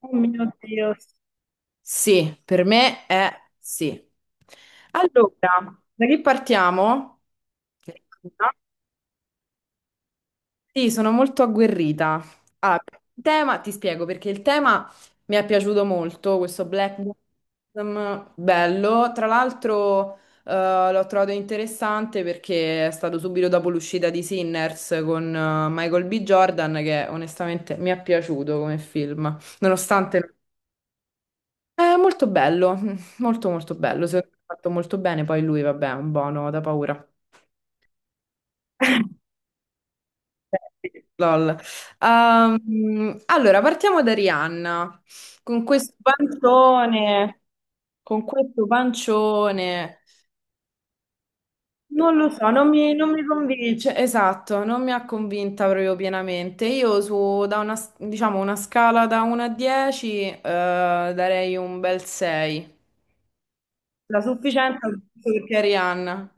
Oh mio Dio. Sì, per me è sì. Allora, da che partiamo? Sì, sono molto agguerrita. Allora, il tema, ti spiego perché il tema mi è piaciuto molto, questo Black Bottom, bello. Tra l'altro, l'ho trovato interessante perché è stato subito dopo l'uscita di Sinners con Michael B. Jordan, che onestamente mi è piaciuto come film, nonostante è molto bello, molto molto bello, secondo me è fatto molto bene, poi lui vabbè è un buono da paura. Lol. Allora, partiamo da Rihanna, con questo pancione, con questo pancione. Non lo so, non mi convince, esatto, non mi ha convinta proprio pienamente. Io su, da una, diciamo, una scala da 1 a 10, darei un bel 6. La sufficienza perché è Rihanna.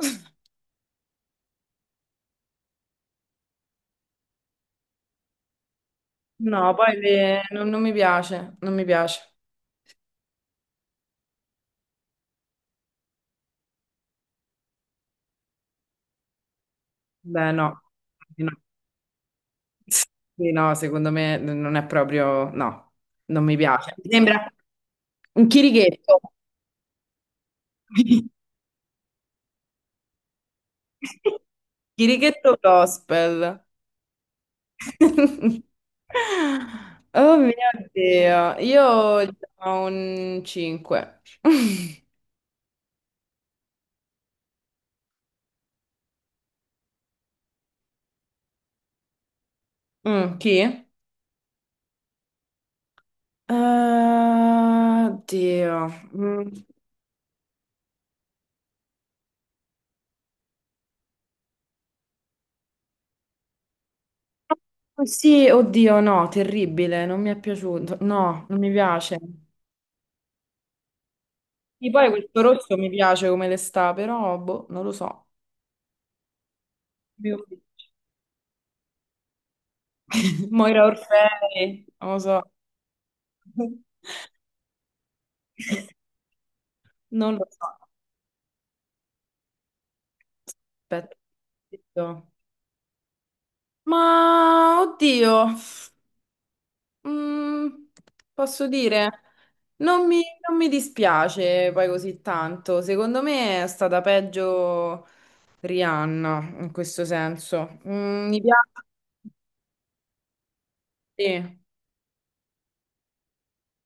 No, poi non mi piace, non mi piace. Beh, no. No. Sì, no, secondo me non è proprio, no, non mi piace. Mi sembra un chirichetto. Chirichetto gospel. Oh mio Dio, io gli do un 5. Mm, chi? Dio. Mm. Oh, sì, oddio, no, terribile, non mi è piaciuto. No, non mi piace. E poi questo rosso mi piace come le sta, però, boh, non lo so. Io- Moira Orfei, non lo so. Non lo so. Aspetta. Detto. Ma, oddio, mm, posso dire, non mi dispiace poi così tanto. Secondo me è stata peggio Rihanna, in questo senso. Mi piace. Sì,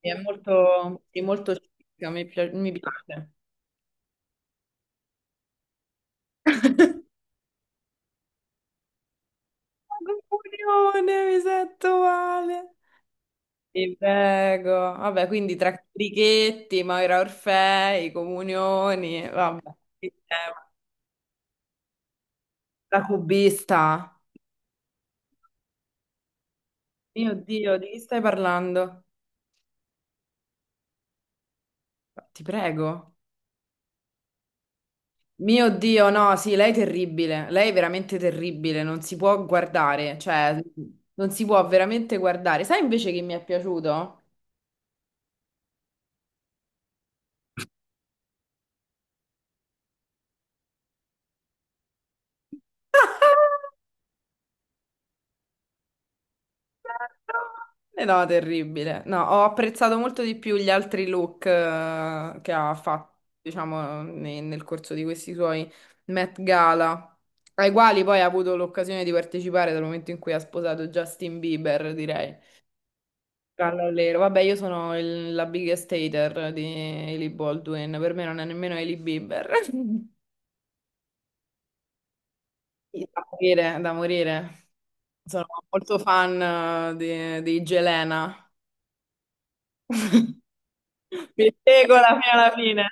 è molto chic, mi piace. Comunione, mi sento male. Ti prego. Vabbè, quindi tra Carichetti, Maura Orfei, Comunioni, vabbè. Che tema. La cubista. Mio Dio, di chi stai parlando? Ti prego. Mio Dio, no, sì, lei è terribile. Lei è veramente terribile, non si può guardare, cioè, non si può veramente guardare. Sai invece che mi è piaciuto? Eh, no, terribile. No, ho apprezzato molto di più gli altri look che ha fatto, diciamo, nel corso di questi suoi Met Gala, ai quali poi ha avuto l'occasione di partecipare dal momento in cui ha sposato Justin Bieber, direi. Callallero. Vabbè, io sono la biggest hater di Hailey Baldwin, per me non è nemmeno Hailey Bieber. Da morire, da morire. Sono molto fan di Jelena. Mi regola fino alla fine.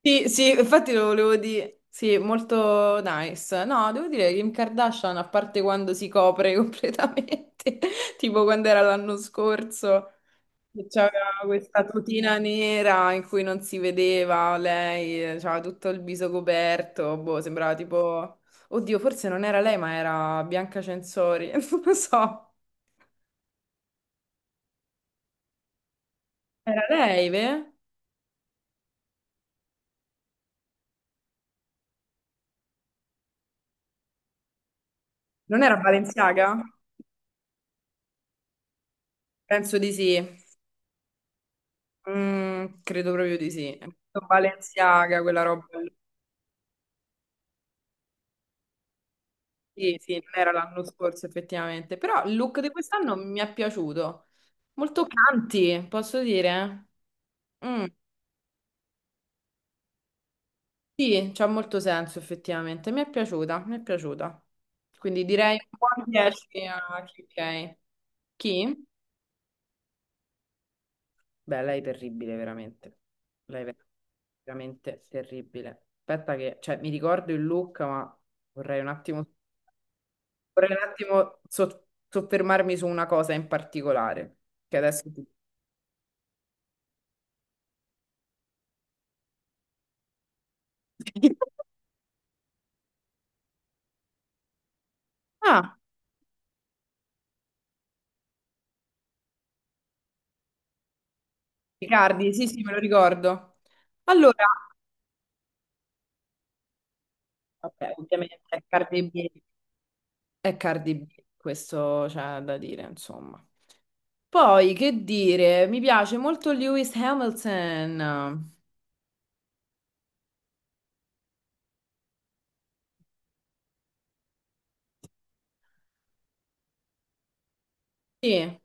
Sì, sì, infatti lo volevo dire. Sì, molto nice. No, devo dire che Kim Kardashian, a parte quando si copre completamente, tipo quando era l'anno scorso, che c'aveva questa tutina nera in cui non si vedeva lei, c'aveva tutto il viso coperto, boh, sembrava tipo. Oddio, forse non era lei, ma era Bianca Censori, non lo so. Era lei, ve? Non era Balenciaga? Penso di sì. Credo proprio di sì. Balenciaga, quella roba lì. Sì, sì, non era l'anno scorso effettivamente, però il look di quest'anno mi è piaciuto. Molto canti, posso dire? Mm, sì, c'ha molto senso effettivamente. Mi è piaciuta, mi è piaciuta. Quindi direi un buon 10 a chi? Ok. Chi? Beh, lei è terribile, veramente. Lei è veramente terribile. Aspetta che, cioè, mi ricordo il look, ma vorrei un attimo Vorrei un attimo soffermarmi su una cosa in particolare, che adesso ti. Ah, Riccardi, sì, sì, me lo ricordo. Allora, vabbè, ovviamente è Cardi B, questo c'è da dire, insomma. Poi, che dire, mi piace molto Lewis Hamilton. Sì,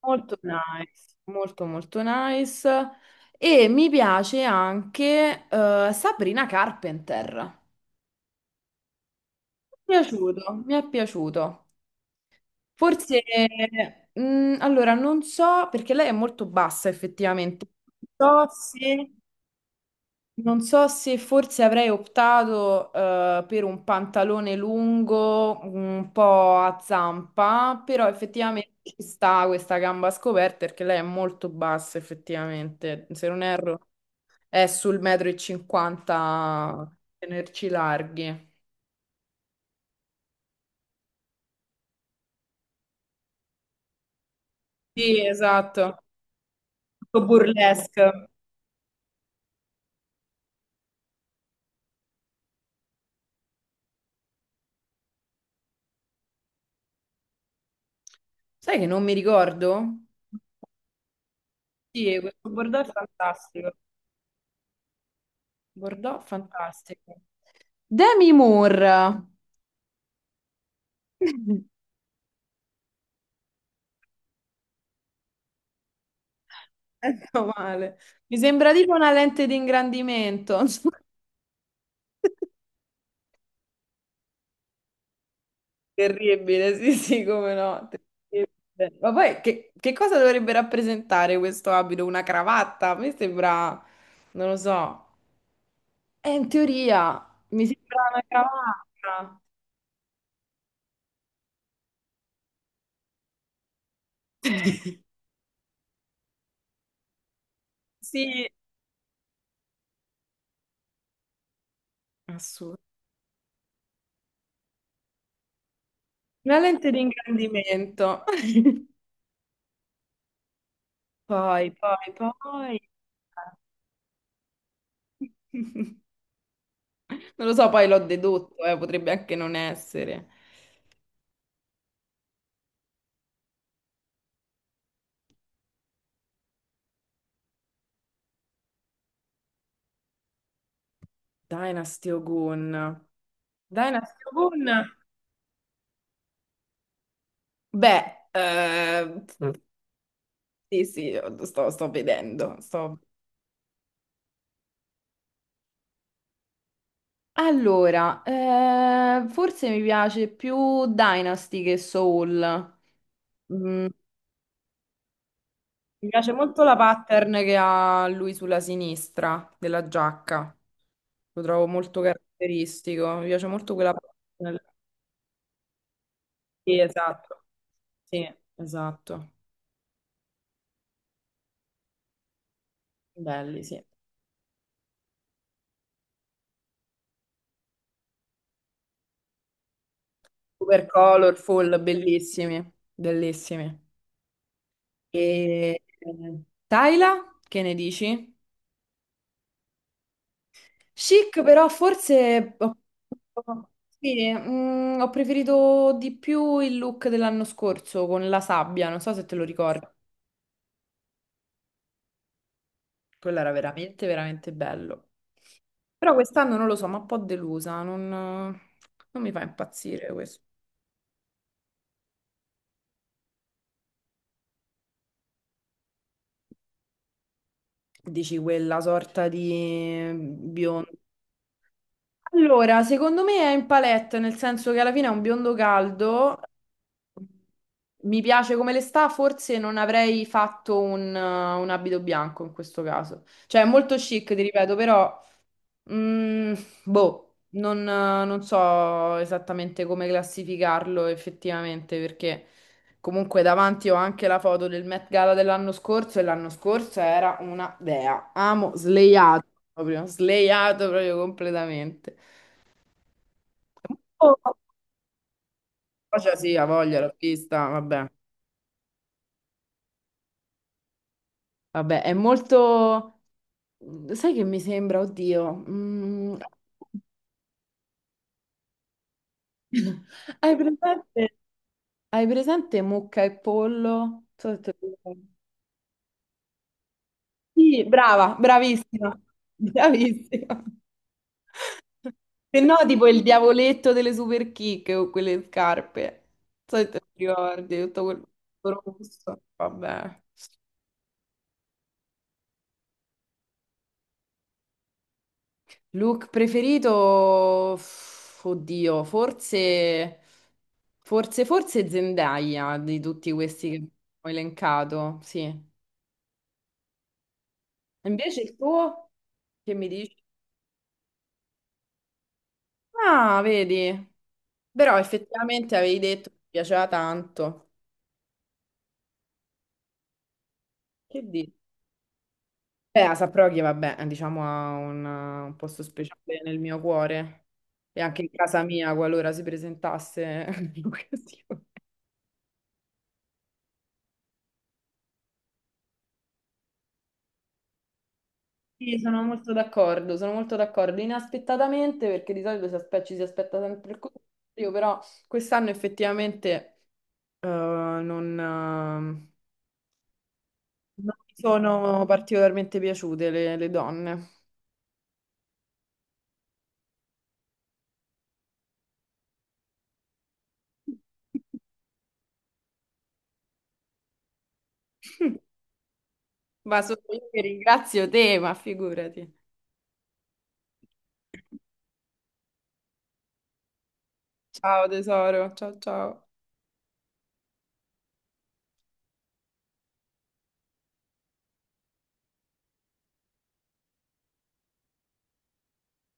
molto nice, molto molto nice. E mi piace anche Sabrina Carpenter. Mi è piaciuto, mi è piaciuto. Forse, allora, non so, perché lei è molto bassa effettivamente, non so se, non so se forse avrei optato per un pantalone lungo, un po' a zampa, però effettivamente ci sta questa gamba scoperta perché lei è molto bassa effettivamente, se non erro è sul metro e cinquanta, tenerci larghi. Sì, esatto. Un po' burlesque. Sai che non mi ricordo? Sì, e questo Bordeaux è fantastico. Bordeaux fantastico. Demi Moore. Ecco male. Mi sembra tipo una lente di ingrandimento. Terribile, sì, sì, come no. Terribile. Ma poi che cosa dovrebbe rappresentare questo abito? Una cravatta? A me sembra, non lo so. In teoria mi sembra una cravatta. Sì, assurdo. Una lente di ingrandimento. Poi, poi, poi. Non lo so, poi l'ho dedotto, potrebbe anche non essere. Dynasty Ogun. Dynasty Ogun? Beh, eh, sì, sì, sto vedendo. Sto- Allora, forse mi piace più Dynasty che Soul. Mi piace molto la pattern che ha lui sulla sinistra della giacca. Lo trovo molto caratteristico. Mi piace molto quella pattern. Sì, esatto. Sì, esatto. Belli, sì. Super colorful, bellissimi, bellissimi. E Tyla, che ne dici? Chic, però forse ho, sì, ho preferito di più il look dell'anno scorso con la sabbia, non so se te lo ricordi. Quello era veramente, veramente bello. Però quest'anno non lo so, ma un po' delusa, non mi fa impazzire questo. Dici quella sorta di biondo. Allora, secondo me è in palette, nel senso che alla fine è un biondo caldo. Mi piace come le sta, forse non avrei fatto un abito bianco in questo caso. Cioè, è molto chic, ti ripeto, però Mm, boh, non so esattamente come classificarlo effettivamente, perché comunque davanti ho anche la foto del Met Gala dell'anno scorso e l'anno scorso era una dea. Amo sleiato proprio completamente. Oh, cioè sì, ha voglia, l'ho vista, vabbè. Vabbè, è molto. Sai che mi sembra, oddio, mm. Hai presente? Hai presente mucca e pollo? Non so se te lo ricordi. Sì, brava, bravissima, bravissima. Se no, tipo il diavoletto delle super kick o quelle scarpe. Non so se te lo ricordi, tutto quel rosso. Vabbè. Look preferito, oddio, forse Zendaya di tutti questi che ho elencato, sì. Invece il tuo, che mi dici? Ah, vedi? Però effettivamente avevi detto che ti piaceva tanto. Che dici? Beh, a Saproghi, vabbè, diciamo ha un posto speciale nel mio cuore e anche in casa mia qualora si presentasse l'occasione. Sì, sono molto d'accordo, sono molto d'accordo. Inaspettatamente, perché di solito ci si aspetta sempre il contrario, però quest'anno effettivamente eh, non, eh, non mi sono particolarmente piaciute le donne. Ma sono io che ringrazio te, ma figurati. Ciao tesoro, ciao ciao.